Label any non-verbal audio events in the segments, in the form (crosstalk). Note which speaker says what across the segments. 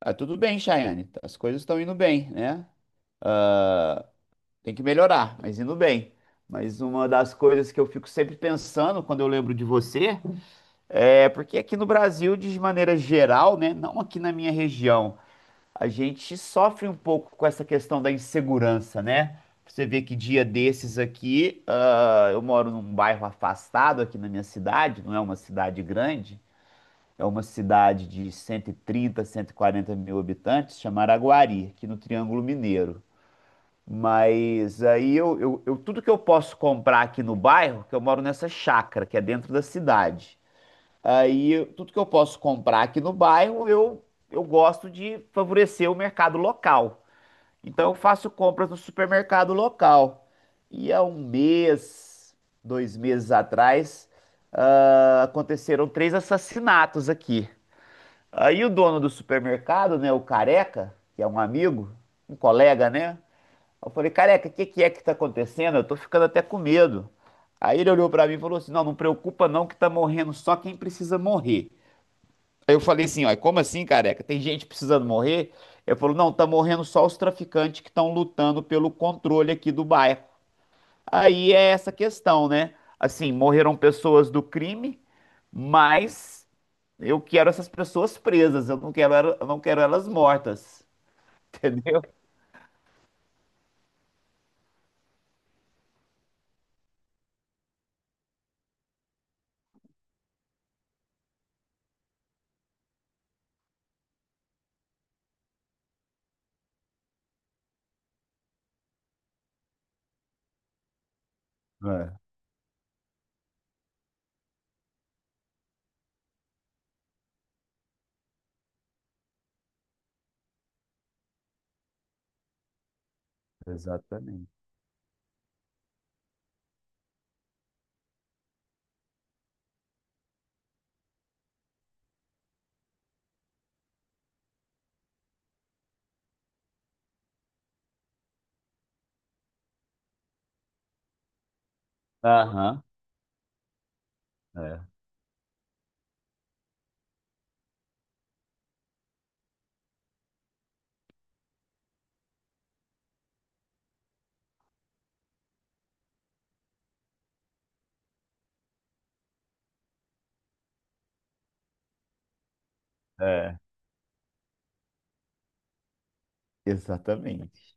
Speaker 1: Tudo bem, Chayane. As coisas estão indo bem, né? Tem que melhorar, mas indo bem. Mas uma das coisas que eu fico sempre pensando quando eu lembro de você é porque aqui no Brasil, de maneira geral, né? Não aqui na minha região, a gente sofre um pouco com essa questão da insegurança, né? Você vê que dia desses aqui, eu moro num bairro afastado aqui na minha cidade, não é uma cidade grande. É uma cidade de 130, 140 mil habitantes, chamada Aguari, aqui no Triângulo Mineiro. Mas aí eu- tudo que eu posso comprar aqui no bairro, que eu moro nessa chácara, que é dentro da cidade. Tudo que eu posso comprar aqui no bairro, eu gosto de favorecer o mercado local. Então eu faço compras no supermercado local. E há um mês, dois meses atrás, aconteceram três assassinatos aqui. Aí o dono do supermercado, né, o Careca, que é um amigo, um colega, né? Eu falei: Careca, o que que é que tá acontecendo? Eu tô ficando até com medo. Aí ele olhou pra mim e falou assim: Não, não preocupa não, que tá morrendo só quem precisa morrer. Aí eu falei assim: Ó, como assim, Careca? Tem gente precisando morrer? Ele falou: Não, tá morrendo só os traficantes que estão lutando pelo controle aqui do bairro. Aí é essa questão, né? Assim, morreram pessoas do crime, mas eu quero essas pessoas presas, eu não quero elas mortas, (laughs) entendeu? É, exatamente. Aham, é, é, exatamente.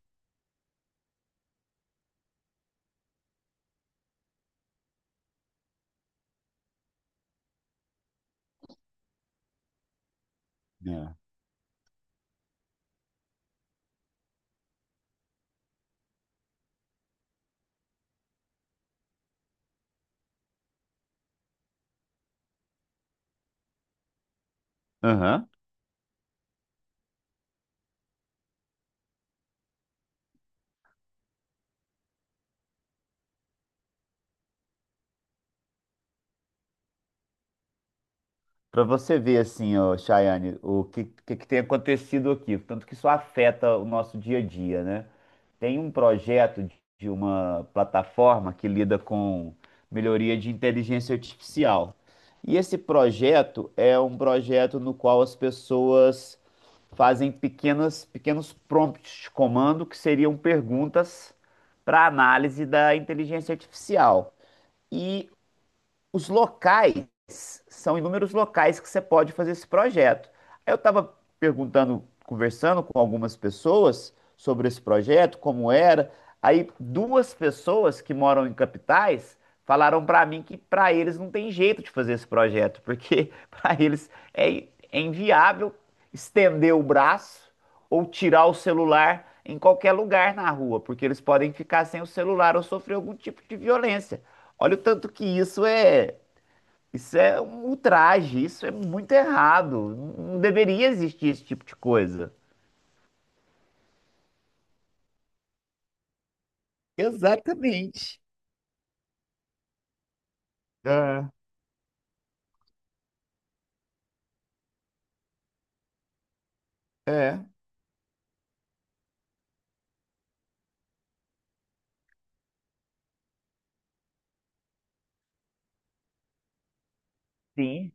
Speaker 1: É. Aham. Para você ver assim, ó, Chayane, o que tem acontecido aqui, tanto que isso afeta o nosso dia a dia, né? Tem um projeto de uma plataforma que lida com melhoria de inteligência artificial. E esse projeto é um projeto no qual as pessoas fazem pequenos prompts de comando que seriam perguntas para análise da inteligência artificial. E os locais, são inúmeros locais que você pode fazer esse projeto. Aí eu estava perguntando, conversando com algumas pessoas sobre esse projeto, como era. Aí duas pessoas que moram em capitais falaram para mim que para eles não tem jeito de fazer esse projeto, porque (laughs) é inviável estender o braço ou tirar o celular em qualquer lugar na rua, porque eles podem ficar sem o celular ou sofrer algum tipo de violência. Olha o tanto que isso é um ultraje, isso é muito errado. Não deveria existir esse tipo de coisa. Exatamente. É, é. Sim,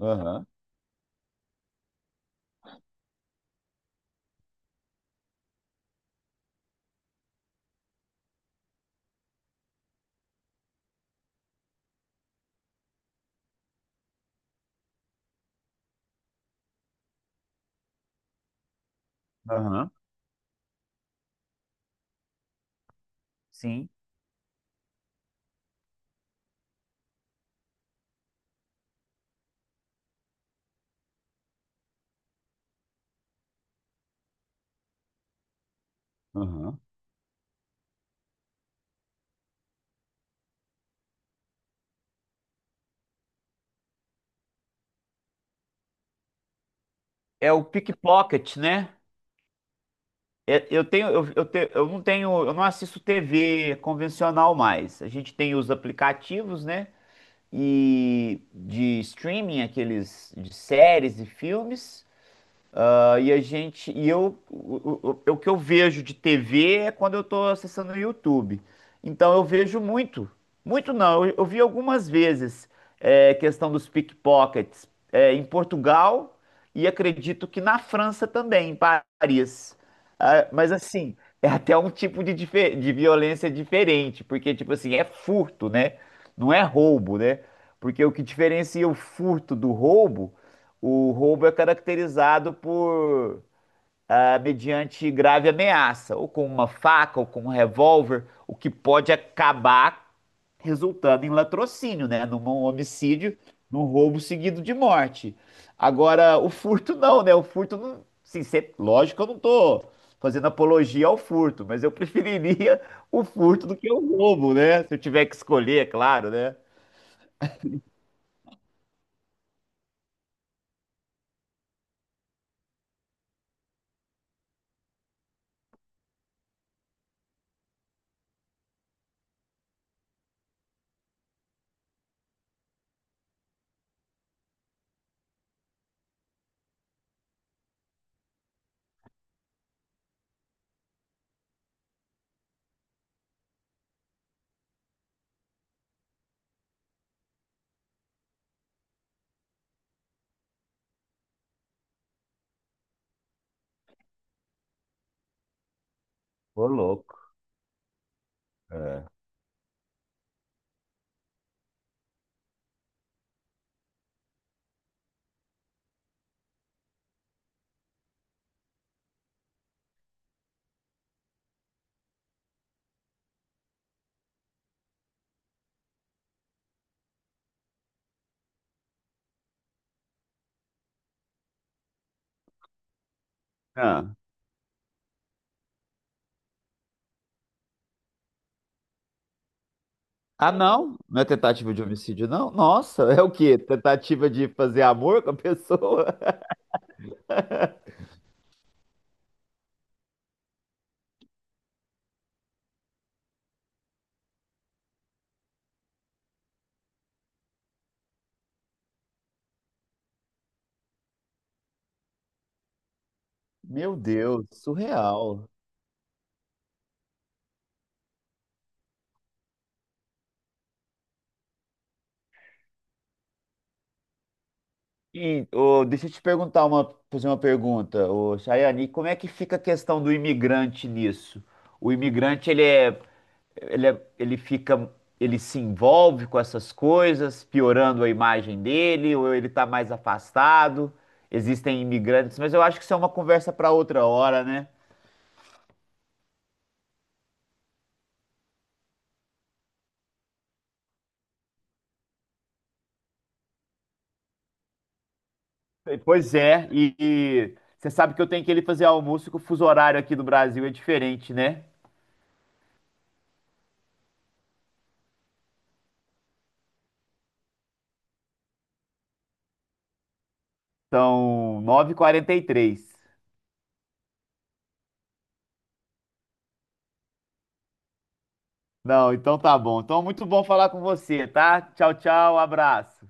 Speaker 1: aham, aham, sim, aham. É o pickpocket, né? É, eu não tenho, eu não assisto TV convencional mais. A gente tem os aplicativos, né? E de streaming, aqueles de séries e filmes. E a gente, e eu, o que eu vejo de TV é quando eu tô acessando o YouTube. Então eu vejo muito, muito não, eu vi algumas vezes questão dos pickpockets em Portugal e acredito que na França também, em Paris. Mas assim, é até um tipo de, de violência diferente, porque tipo assim, é furto, né? Não é roubo, né? Porque o que diferencia o furto do roubo, o roubo é caracterizado por mediante grave ameaça, ou com uma faca, ou com um revólver, o que pode acabar resultando em latrocínio, né? Num homicídio, num roubo seguido de morte. Agora, o furto não, né? O furto não. Lógico que eu não tô fazendo apologia ao furto, mas eu preferiria o furto do que o roubo, né? Se eu tiver que escolher, é claro, né? Ô, louco. É. Ah. Ah, não? Não é tentativa de homicídio, não? Nossa, é o quê? Tentativa de fazer amor com a pessoa? (laughs) Meu Deus, surreal. Ô, deixa eu te perguntar uma, fazer uma pergunta, ô, Chayane, e como é que fica a questão do imigrante nisso? O imigrante, ele é, ele é- ele fica, Ele se envolve com essas coisas, piorando a imagem dele, ou ele está mais afastado? Existem imigrantes, mas eu acho que isso é uma conversa para outra hora, né? Pois é, e você sabe que eu tenho que ele fazer almoço, que o fuso horário aqui do Brasil é diferente, né? São 9:43. Não, então tá bom. Então, muito bom falar com você, tá? Tchau, tchau, abraço.